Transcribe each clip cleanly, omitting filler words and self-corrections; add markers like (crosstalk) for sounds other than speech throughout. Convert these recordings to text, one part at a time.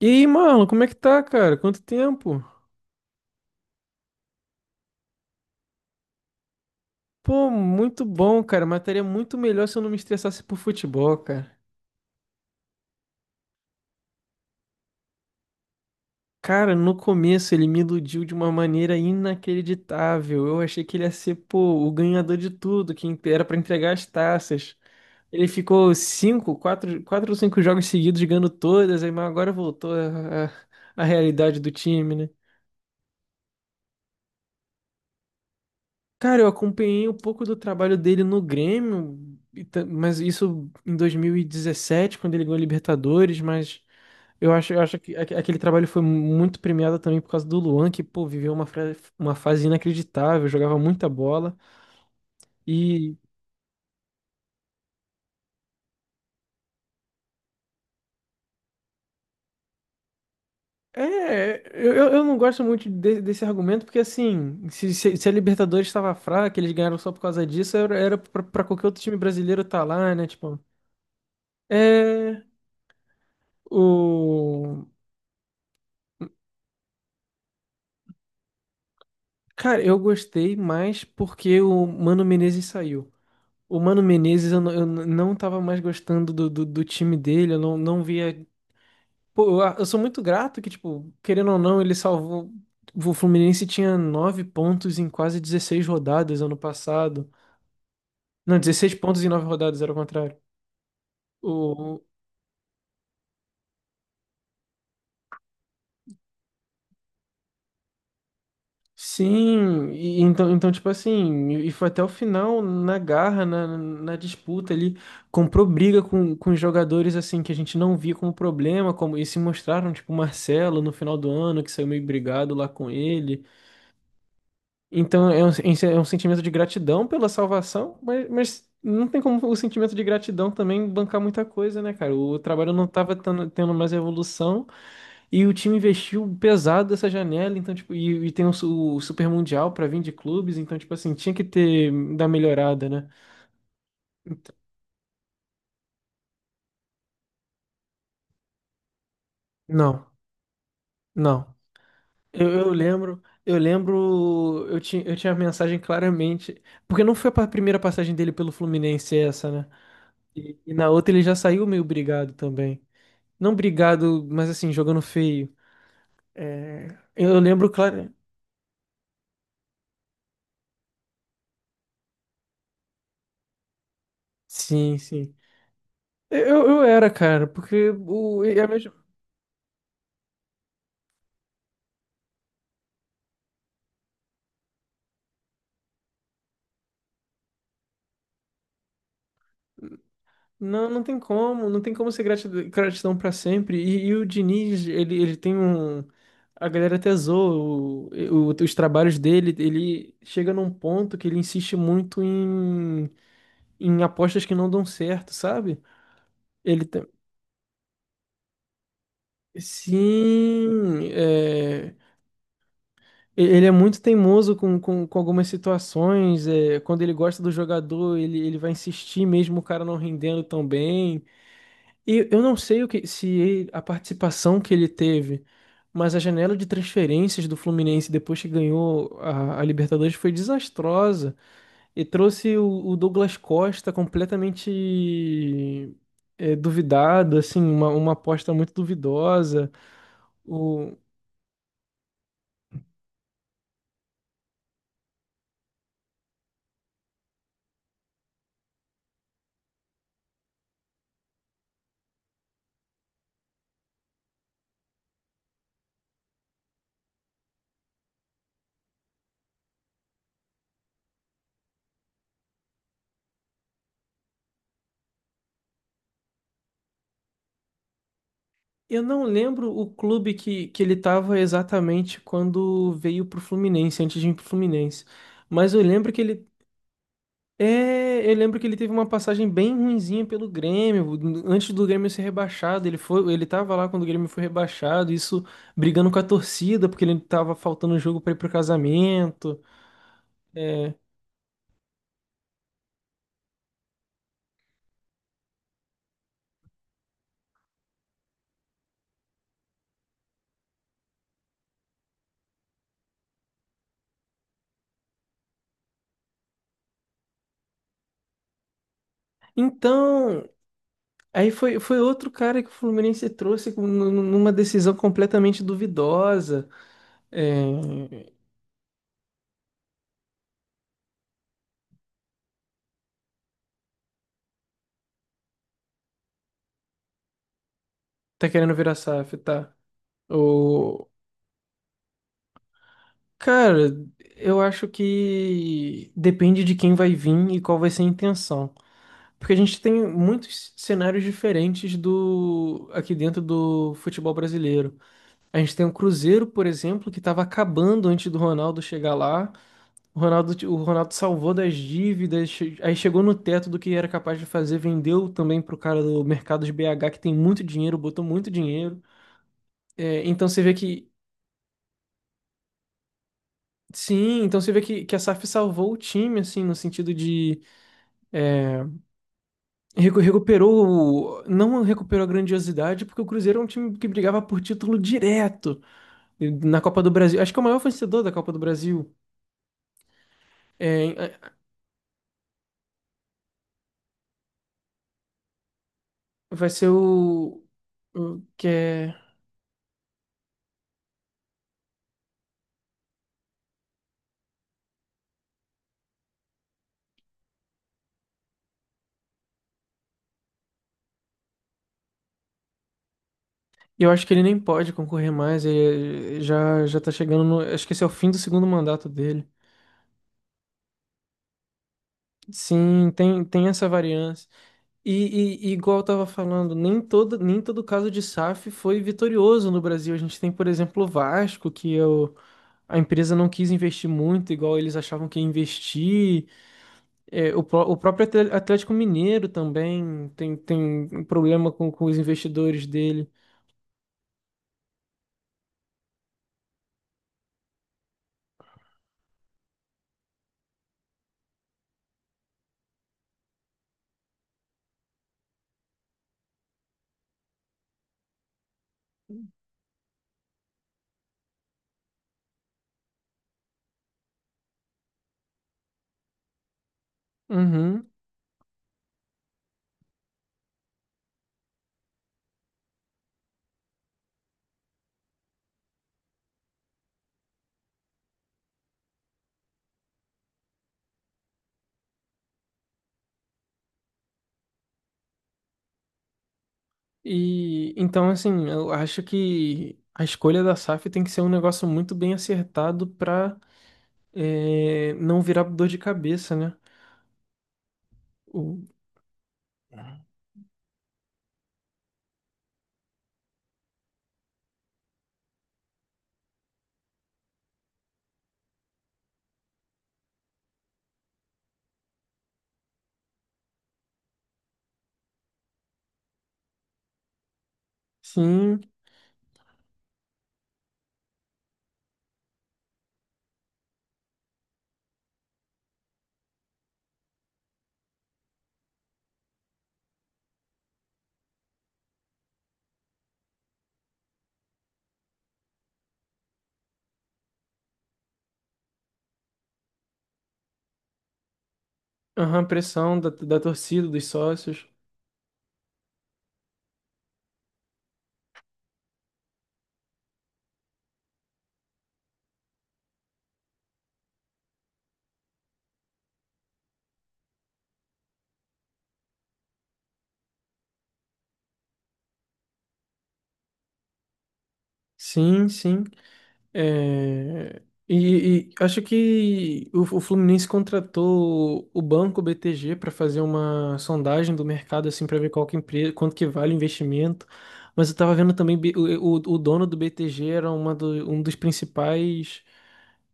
E aí, Marlon, como é que tá, cara? Quanto tempo? Pô, muito bom, cara. Mas muito melhor se eu não me estressasse por futebol, cara. Cara, no começo ele me iludiu de uma maneira inacreditável. Eu achei que ele ia ser, pô, o ganhador de tudo, que era pra entregar as taças. Ele ficou cinco, quatro, quatro ou cinco jogos seguidos ganhando todas, aí mas agora voltou a, a realidade do time, né? Cara, eu acompanhei um pouco do trabalho dele no Grêmio, mas isso em 2017 quando ele ganhou a Libertadores, mas eu acho que aquele trabalho foi muito premiado também por causa do Luan, que, pô, viveu uma fase inacreditável, jogava muita bola. E eu não gosto muito desse argumento, porque assim, se, se a Libertadores estava fraca, eles ganharam só por causa disso, era pra qualquer outro time brasileiro estar lá, né? Tipo, é. O... Cara, eu gostei mais porque o Mano Menezes saiu. O Mano Menezes, não eu não tava mais gostando do time dele, eu não via. Pô, eu sou muito grato que, tipo, querendo ou não, ele salvou. O Fluminense tinha nove pontos em quase 16 rodadas ano passado. Não, 16 pontos em nove rodadas, era o contrário. O, Sim, então, tipo assim, e foi até o final na garra, na, na disputa ali, comprou briga com os jogadores, assim, que a gente não via como problema, como, e se mostraram, tipo, o Marcelo no final do ano, que saiu meio brigado lá com ele. Então, é um sentimento de gratidão pela salvação, mas não tem como o sentimento de gratidão também bancar muita coisa, né, cara? O trabalho não tava tendo mais evolução, e o time investiu pesado nessa janela, então, tipo, e tem o Super Mundial pra vir de clubes, então, tipo assim, tinha que ter da melhorada, né? Não, não. Eu tinha a mensagem claramente, porque não foi a primeira passagem dele pelo Fluminense essa, né? E na outra ele já saiu meio brigado também. Não brigado, mas assim, jogando feio. É, eu lembro claro. Sim, sim. Eu era, cara, porque é a mesma. Não, não tem como ser gratidão pra sempre. E o Diniz, ele tem um. A galera até zoa os trabalhos dele. Ele chega num ponto que ele insiste muito em apostas que não dão certo, sabe? Ele tem- Sim, ele é muito teimoso com algumas situações. É, quando ele gosta do jogador, ele vai insistir mesmo o cara não rendendo tão bem. E eu não sei o que, se ele- a participação que ele teve, mas a janela de transferências do Fluminense depois que ganhou a Libertadores foi desastrosa e trouxe o Douglas Costa completamente duvidado, assim, uma aposta muito duvidosa. O, eu não lembro o clube que ele estava exatamente quando veio pro Fluminense, antes de ir pro Fluminense. Mas eu lembro que ele eu lembro que ele teve uma passagem bem ruinzinha pelo Grêmio, antes do Grêmio ser rebaixado, ele tava lá quando o Grêmio foi rebaixado, isso brigando com a torcida, porque ele tava faltando jogo pra ir pro casamento. É. Então, aí foi outro cara que o Fluminense trouxe numa decisão completamente duvidosa. É, tá querendo virar SAF, tá? O cara, eu acho que depende de quem vai vir e qual vai ser a intenção. Porque a gente tem muitos cenários diferentes do aqui dentro do futebol brasileiro. A gente tem o Cruzeiro, por exemplo, que estava acabando antes do Ronaldo chegar lá. O Ronaldo salvou das dívidas, aí chegou no teto do que era capaz de fazer, vendeu também pro cara do mercado de BH, que tem muito dinheiro, botou muito dinheiro. É, então você vê que. Sim, então você vê que a SAF salvou o time, assim, no sentido. Recuperou, não recuperou a grandiosidade, porque o Cruzeiro é um time que brigava por título direto na Copa do Brasil. Acho que é o maior vencedor da Copa do Brasil. É, é, vai ser o que é. Eu acho que ele nem pode concorrer mais. Ele já tá chegando no. Acho que esse é o fim do segundo mandato dele. Sim, tem essa variância. E igual eu tava falando, nem todo caso de SAF foi vitorioso no Brasil. A gente tem, por exemplo, o Vasco. Que é o A empresa não quis investir muito, igual eles achavam que ia investir. É, o próprio Atlético Mineiro também tem um problema com os investidores dele. Uhum. E então, assim, eu acho que a escolha da SAF tem que ser um negócio muito bem acertado para não virar dor de cabeça, né? O, sim, aham, pressão da torcida, dos sócios. Sim, sim. É, e acho que o Fluminense contratou o banco BTG para fazer uma sondagem do mercado assim para ver qual que empresa, quanto que vale o investimento. Mas eu estava vendo também o dono do BTG era um dos principais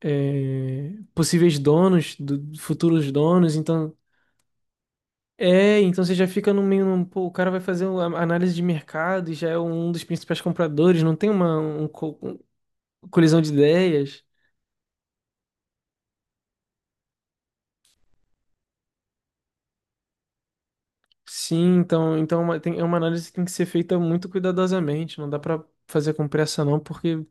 possíveis donos, futuros donos. Então então você já fica no meio, pô, o cara vai fazer uma análise de mercado e já é um dos principais compradores. Não tem uma colisão de ideias. Sim, então é uma análise que tem que ser feita muito cuidadosamente, não dá para fazer com pressa não, porque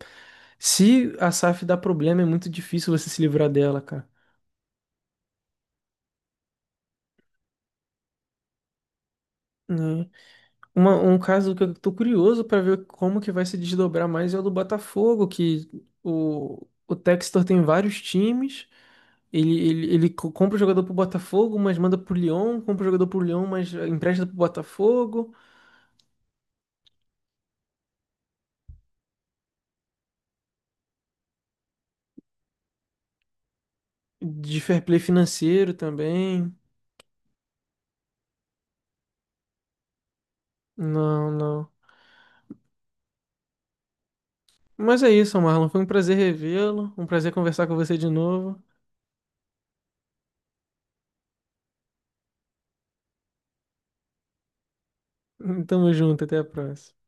se a SAF dá problema, é muito difícil você se livrar dela, cara, né? Um caso que eu tô curioso para ver como que vai se desdobrar mais é o do Botafogo, que o Textor tem vários times, compra o jogador pro Botafogo, mas manda pro Lyon, compra o jogador pro Lyon, mas empresta pro Botafogo, de fair play financeiro também. Não, não. Mas é isso, Marlon. Foi um prazer revê-lo, um prazer conversar com você de novo. (laughs) Tamo junto, até a próxima.